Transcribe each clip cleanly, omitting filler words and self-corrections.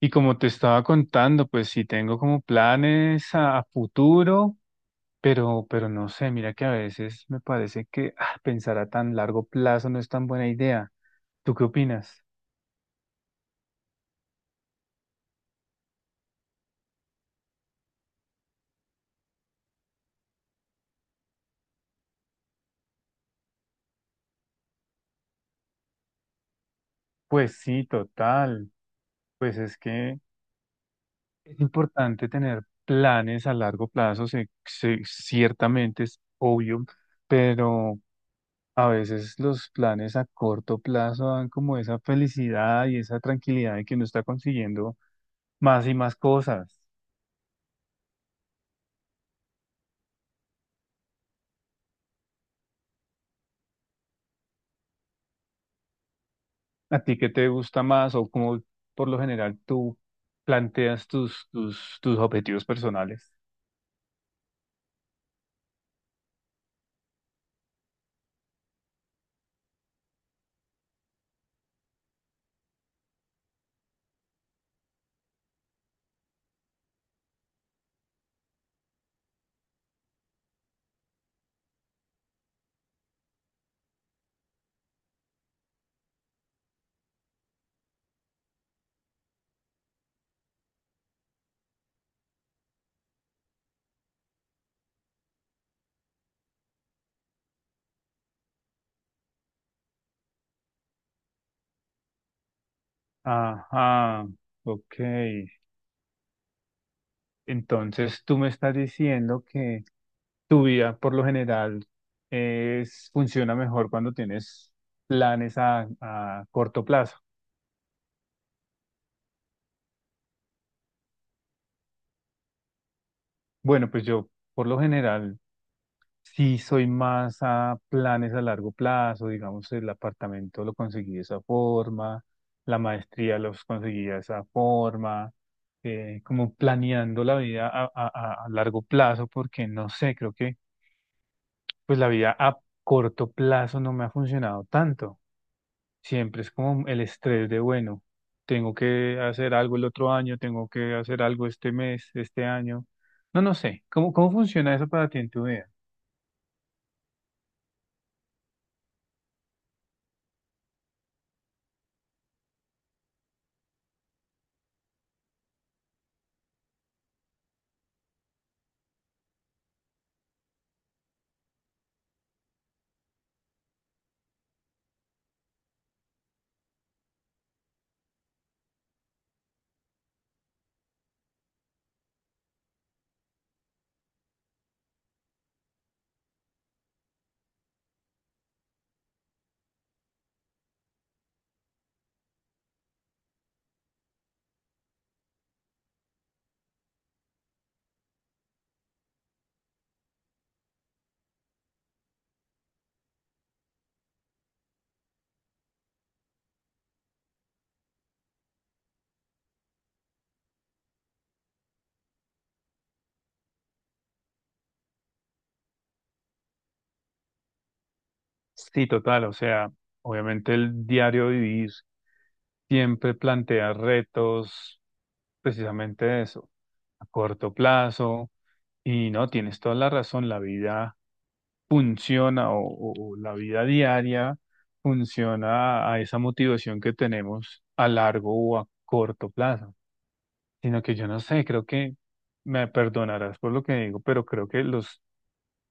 Y como te estaba contando, pues sí tengo como planes a futuro, pero no sé, mira que a veces me parece que pensar a tan largo plazo no es tan buena idea. ¿Tú qué opinas? Pues sí, total. Pues es que es importante tener planes a largo plazo, ciertamente es obvio, pero a veces los planes a corto plazo dan como esa felicidad y esa tranquilidad de que uno está consiguiendo más y más cosas. ¿A ti qué te gusta más o cómo por lo general tú planteas tus objetivos personales? Ajá, ok. Entonces tú me estás diciendo que tu vida por lo general es, funciona mejor cuando tienes planes a corto plazo. Bueno, pues yo por lo general sí, soy más a planes a largo plazo, digamos, el apartamento lo conseguí de esa forma, la maestría los conseguí de esa forma, como planeando la vida a, a largo plazo, porque no sé, creo que pues la vida a corto plazo no me ha funcionado tanto. Siempre es como el estrés de, bueno, tengo que hacer algo el otro año, tengo que hacer algo este mes, este año. No, no sé, ¿cómo funciona eso para ti en tu vida? Sí, total, o sea, obviamente el diario vivir siempre plantea retos, precisamente de eso, a corto plazo, y no, tienes toda la razón, la vida funciona o, o la vida diaria funciona a esa motivación que tenemos a largo o a corto plazo, sino que yo no sé, creo que me perdonarás por lo que digo, pero creo que los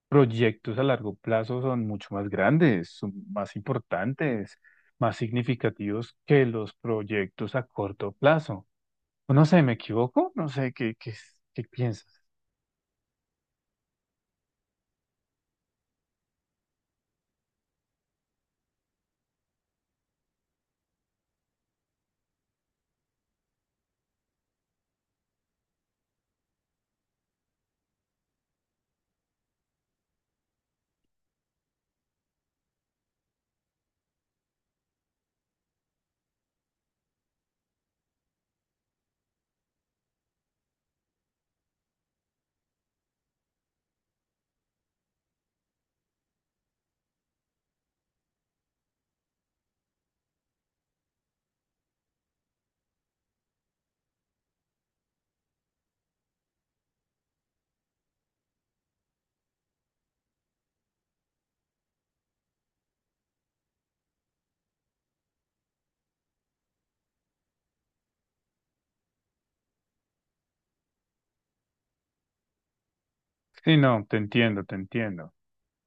proyectos a largo plazo son mucho más grandes, son más importantes, más significativos que los proyectos a corto plazo. No sé, ¿me equivoco? No sé, ¿qué piensas? Sí, no, te entiendo.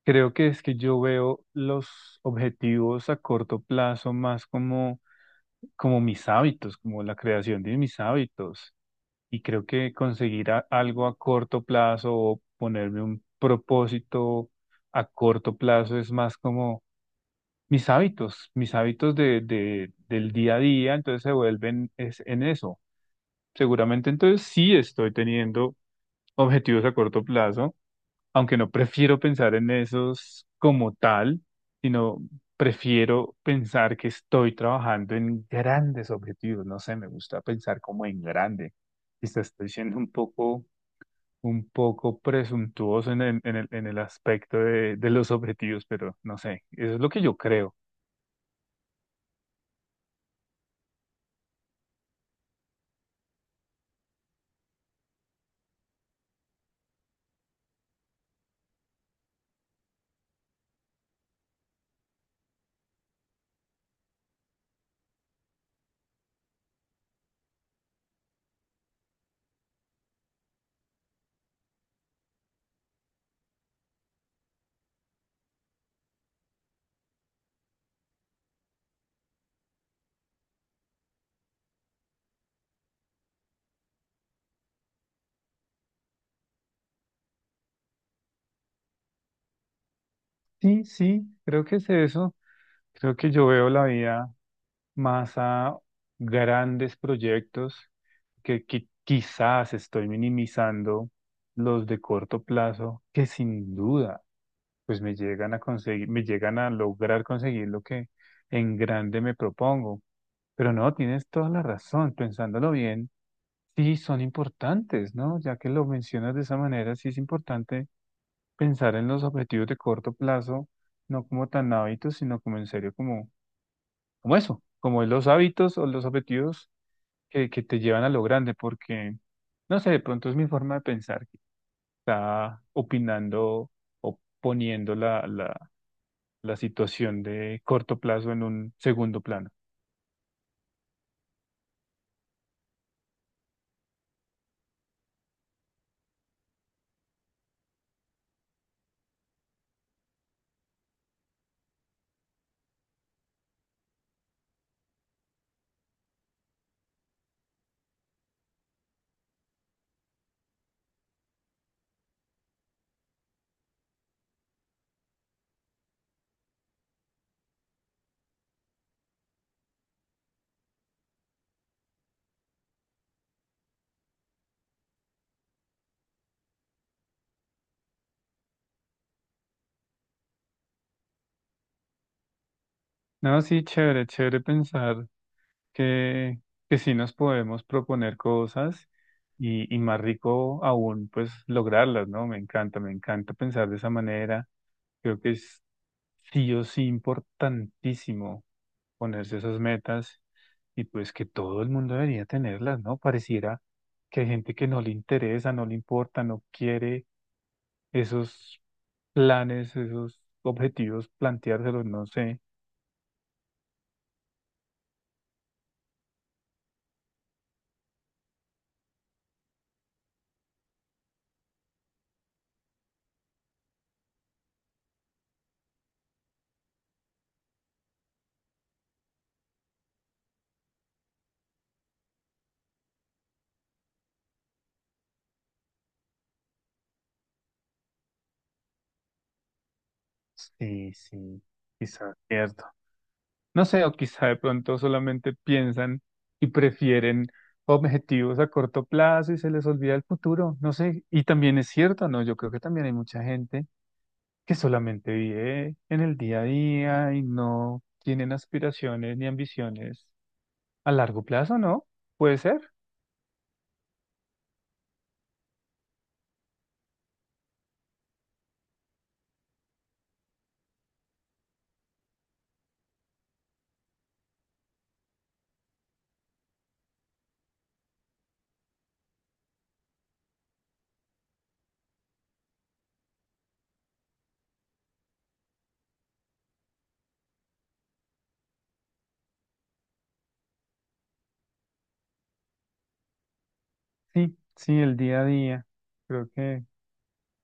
Creo que es que yo veo los objetivos a corto plazo más como, como mis hábitos, como la creación de mis hábitos. Y creo que conseguir algo a corto plazo o ponerme un propósito a corto plazo es más como mis hábitos de, del día a día, entonces se vuelven es, en eso. Seguramente entonces sí estoy teniendo objetivos a corto plazo, aunque no prefiero pensar en esos como tal, sino prefiero pensar que estoy trabajando en grandes objetivos. No sé, me gusta pensar como en grande. Quizás estoy siendo un poco presuntuoso en el aspecto de los objetivos, pero no sé, eso es lo que yo creo. Sí, sí, creo que es eso. Creo que yo veo la vida más a grandes proyectos que, quizás estoy minimizando los de corto plazo, que sin duda pues me llegan a conseguir, me llegan a lograr conseguir lo que en grande me propongo. Pero no, tienes toda la razón, pensándolo bien, sí son importantes, ¿no? Ya que lo mencionas de esa manera, sí es importante pensar en los objetivos de corto plazo, no como tan hábitos, sino como en serio, como, como eso, como los hábitos o los objetivos que te llevan a lo grande, porque, no sé, de pronto es mi forma de pensar que está opinando o poniendo la situación de corto plazo en un segundo plano. No, sí, chévere, chévere pensar que, que sí nos podemos proponer cosas y más rico aún, pues lograrlas, ¿no? Me encanta pensar de esa manera. Creo que es sí o sí importantísimo ponerse esas metas y pues que todo el mundo debería tenerlas, ¿no? Pareciera que hay gente que no le interesa, no le importa, no quiere esos planes, esos objetivos, planteárselos, no sé. Sí, sí, quizás cierto. No sé, o quizá de pronto solamente piensan y prefieren objetivos a corto plazo y se les olvida el futuro, no sé. Y también es cierto, ¿no? Yo creo que también hay mucha gente que solamente vive en el día a día y no tienen aspiraciones ni ambiciones a largo plazo, ¿no? Puede ser. Sí, sí, el día a día. Creo que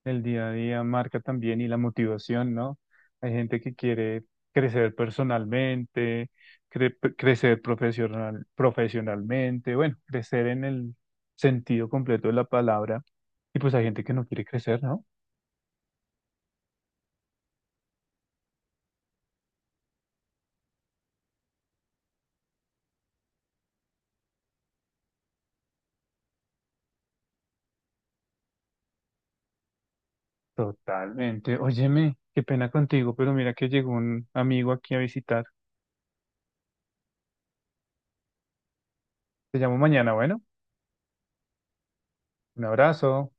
el día a día marca también y la motivación, ¿no? Hay gente que quiere crecer personalmente, crecer profesional, profesionalmente, bueno, crecer en el sentido completo de la palabra. Y pues hay gente que no quiere crecer, ¿no? Totalmente. Óyeme, qué pena contigo, pero mira que llegó un amigo aquí a visitar. Te llamo mañana, bueno, un abrazo.